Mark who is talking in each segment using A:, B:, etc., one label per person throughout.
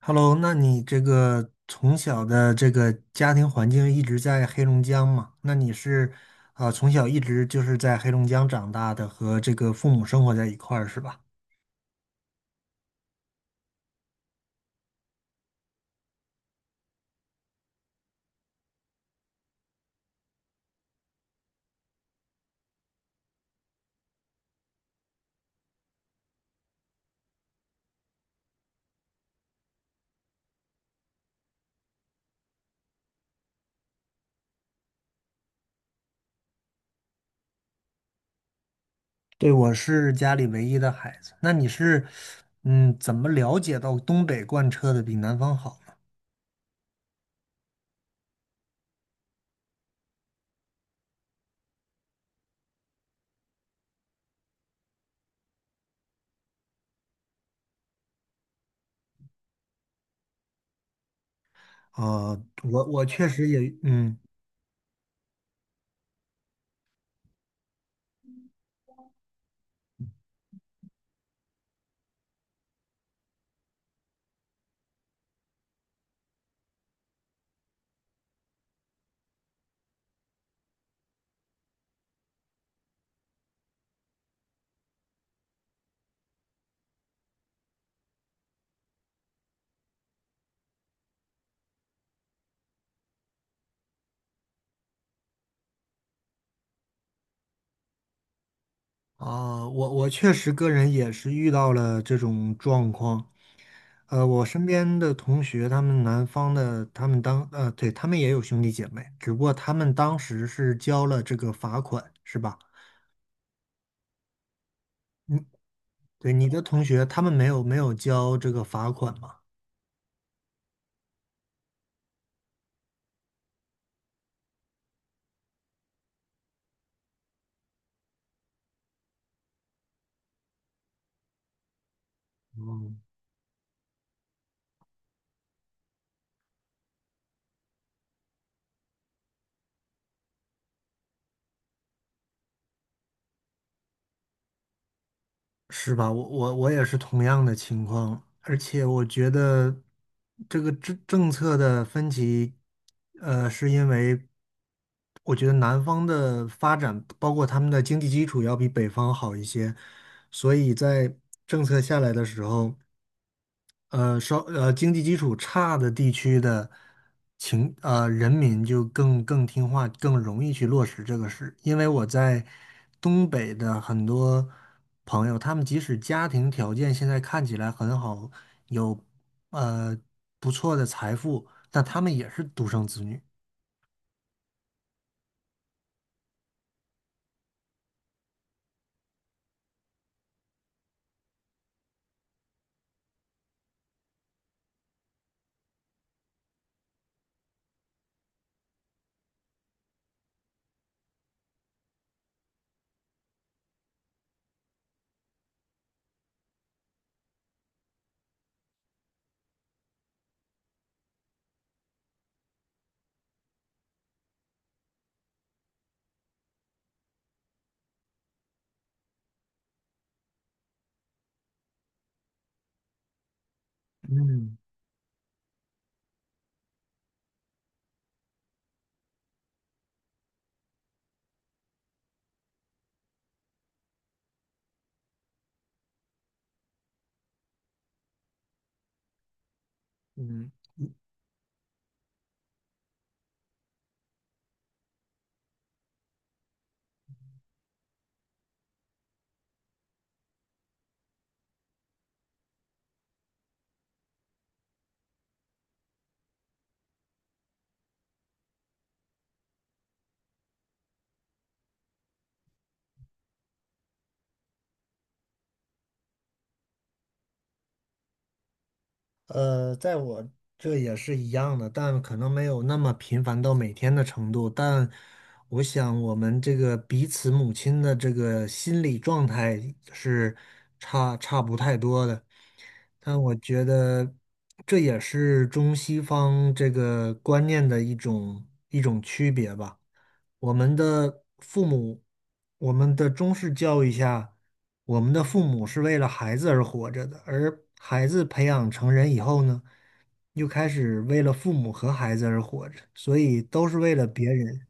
A: Hello，那你这个从小的这个家庭环境一直在黑龙江嘛？那你是从小一直就是在黑龙江长大的，和这个父母生活在一块儿是吧？对，我是家里唯一的孩子。那你是嗯，怎么了解到东北贯彻的比南方好呢？呃，我我确实也嗯我确实个人也是遇到了这种状况。呃，我身边的同学，他们南方的，他们当呃，对，他们也有兄弟姐妹，只不过他们当时是交了这个罚款，是吧？嗯，对，你的同学，他们没有交这个罚款吗？哦，是吧？我也是同样的情况，而且我觉得这个政策的分歧，呃，是因为我觉得南方的发展，包括他们的经济基础要比北方好一些，所以在政策下来的时候。经济基础差的地区的人民就更听话，更容易去落实这个事。因为我在东北的很多朋友，他们即使家庭条件现在看起来很好，有呃不错的财富，但他们也是独生子女。嗯嗯，在我这也是一样的，但可能没有那么频繁到每天的程度。但我想，我们这个彼此母亲的这个心理状态是差不太多的。但我觉得这也是中西方这个观念的一种区别吧。我们的父母，我们的中式教育下。我们的父母是为了孩子而活着的，而孩子培养成人以后呢，又开始为了父母和孩子而活着，所以都是为了别人，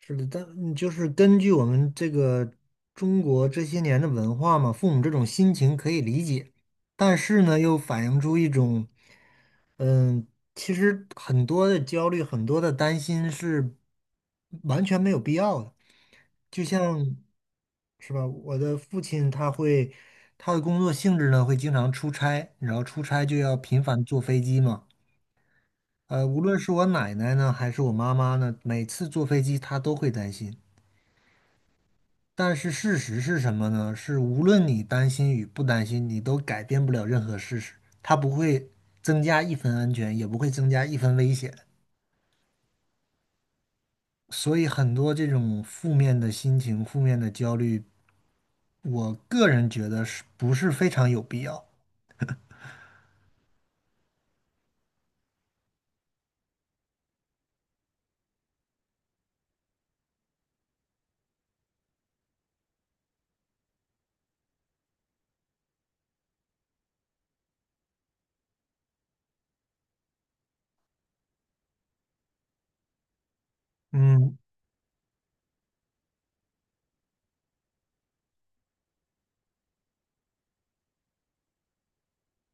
A: 是的，但就是根据我们这个中国这些年的文化嘛，父母这种心情可以理解，但是呢，又反映出一种，嗯，其实很多的焦虑，很多的担心是完全没有必要的。就像是吧，我的父亲他会，他的工作性质呢会经常出差，然后出差就要频繁坐飞机嘛。呃，无论是我奶奶呢，还是我妈妈呢，每次坐飞机她都会担心。但是事实是什么呢？是无论你担心与不担心，你都改变不了任何事实，它不会增加一分安全，也不会增加一分危险。所以很多这种负面的心情、负面的焦虑，我个人觉得是不是非常有必要？嗯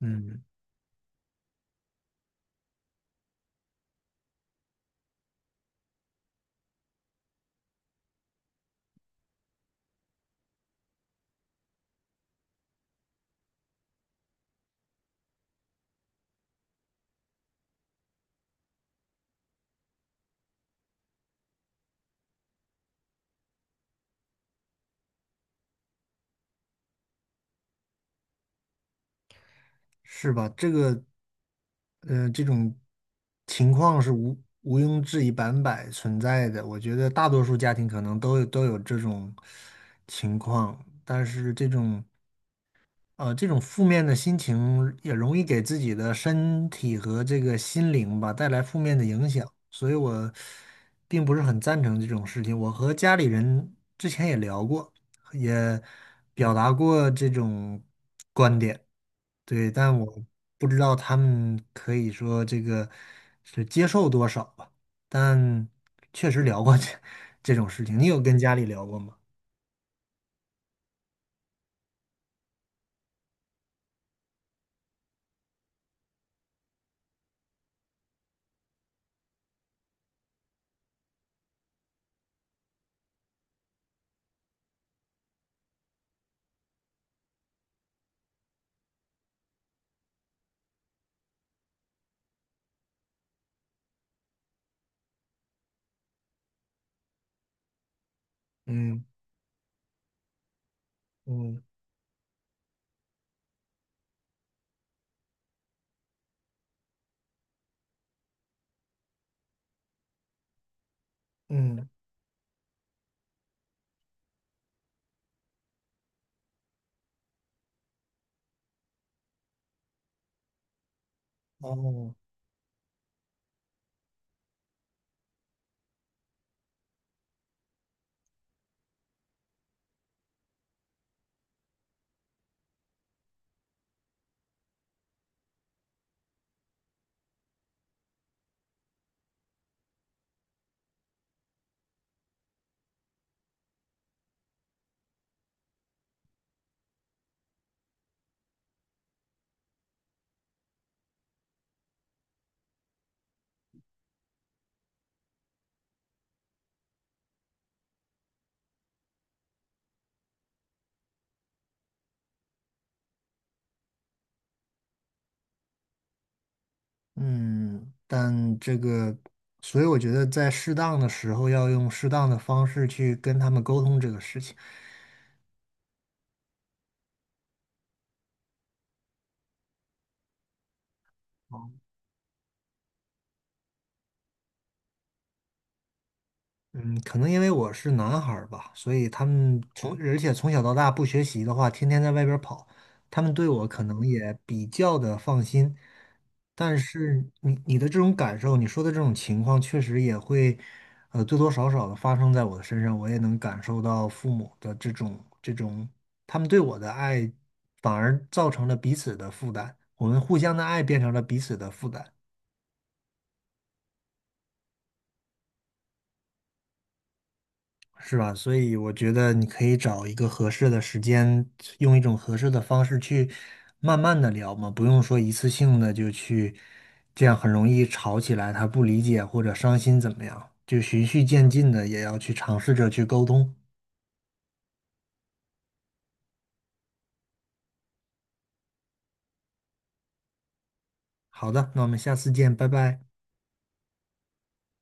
A: 嗯，是吧？这个，呃，这种情况是无毋庸置疑、百分百存在的。我觉得大多数家庭可能都有这种情况，但是这种。呃，这种负面的心情也容易给自己的身体和这个心灵吧带来负面的影响，所以我并不是很赞成这种事情。我和家里人之前也聊过，也表达过这种观点，对，但我不知道他们可以说这个是接受多少吧，但确实聊过这 这种事情。你有跟家里聊过吗？嗯嗯嗯，哦。嗯，但这个，所以我觉得在适当的时候要用适当的方式去跟他们沟通这个事情。嗯，可能因为我是男孩儿吧，所以他们从，哦而且从小到大不学习的话，天天在外边儿跑，他们对我可能也比较的放心。但是你的这种感受，你说的这种情况，确实也会，呃，多多少少的发生在我的身上，我也能感受到父母的这种，他们对我的爱，反而造成了彼此的负担，我们互相的爱变成了彼此的负担。是吧？所以我觉得你可以找一个合适的时间，用一种合适的方式去慢慢的聊嘛，不用说一次性的就去，这样很容易吵起来，他不理解或者伤心怎么样，就循序渐进的也要去尝试着去沟通。好的，那我们下次见，拜拜。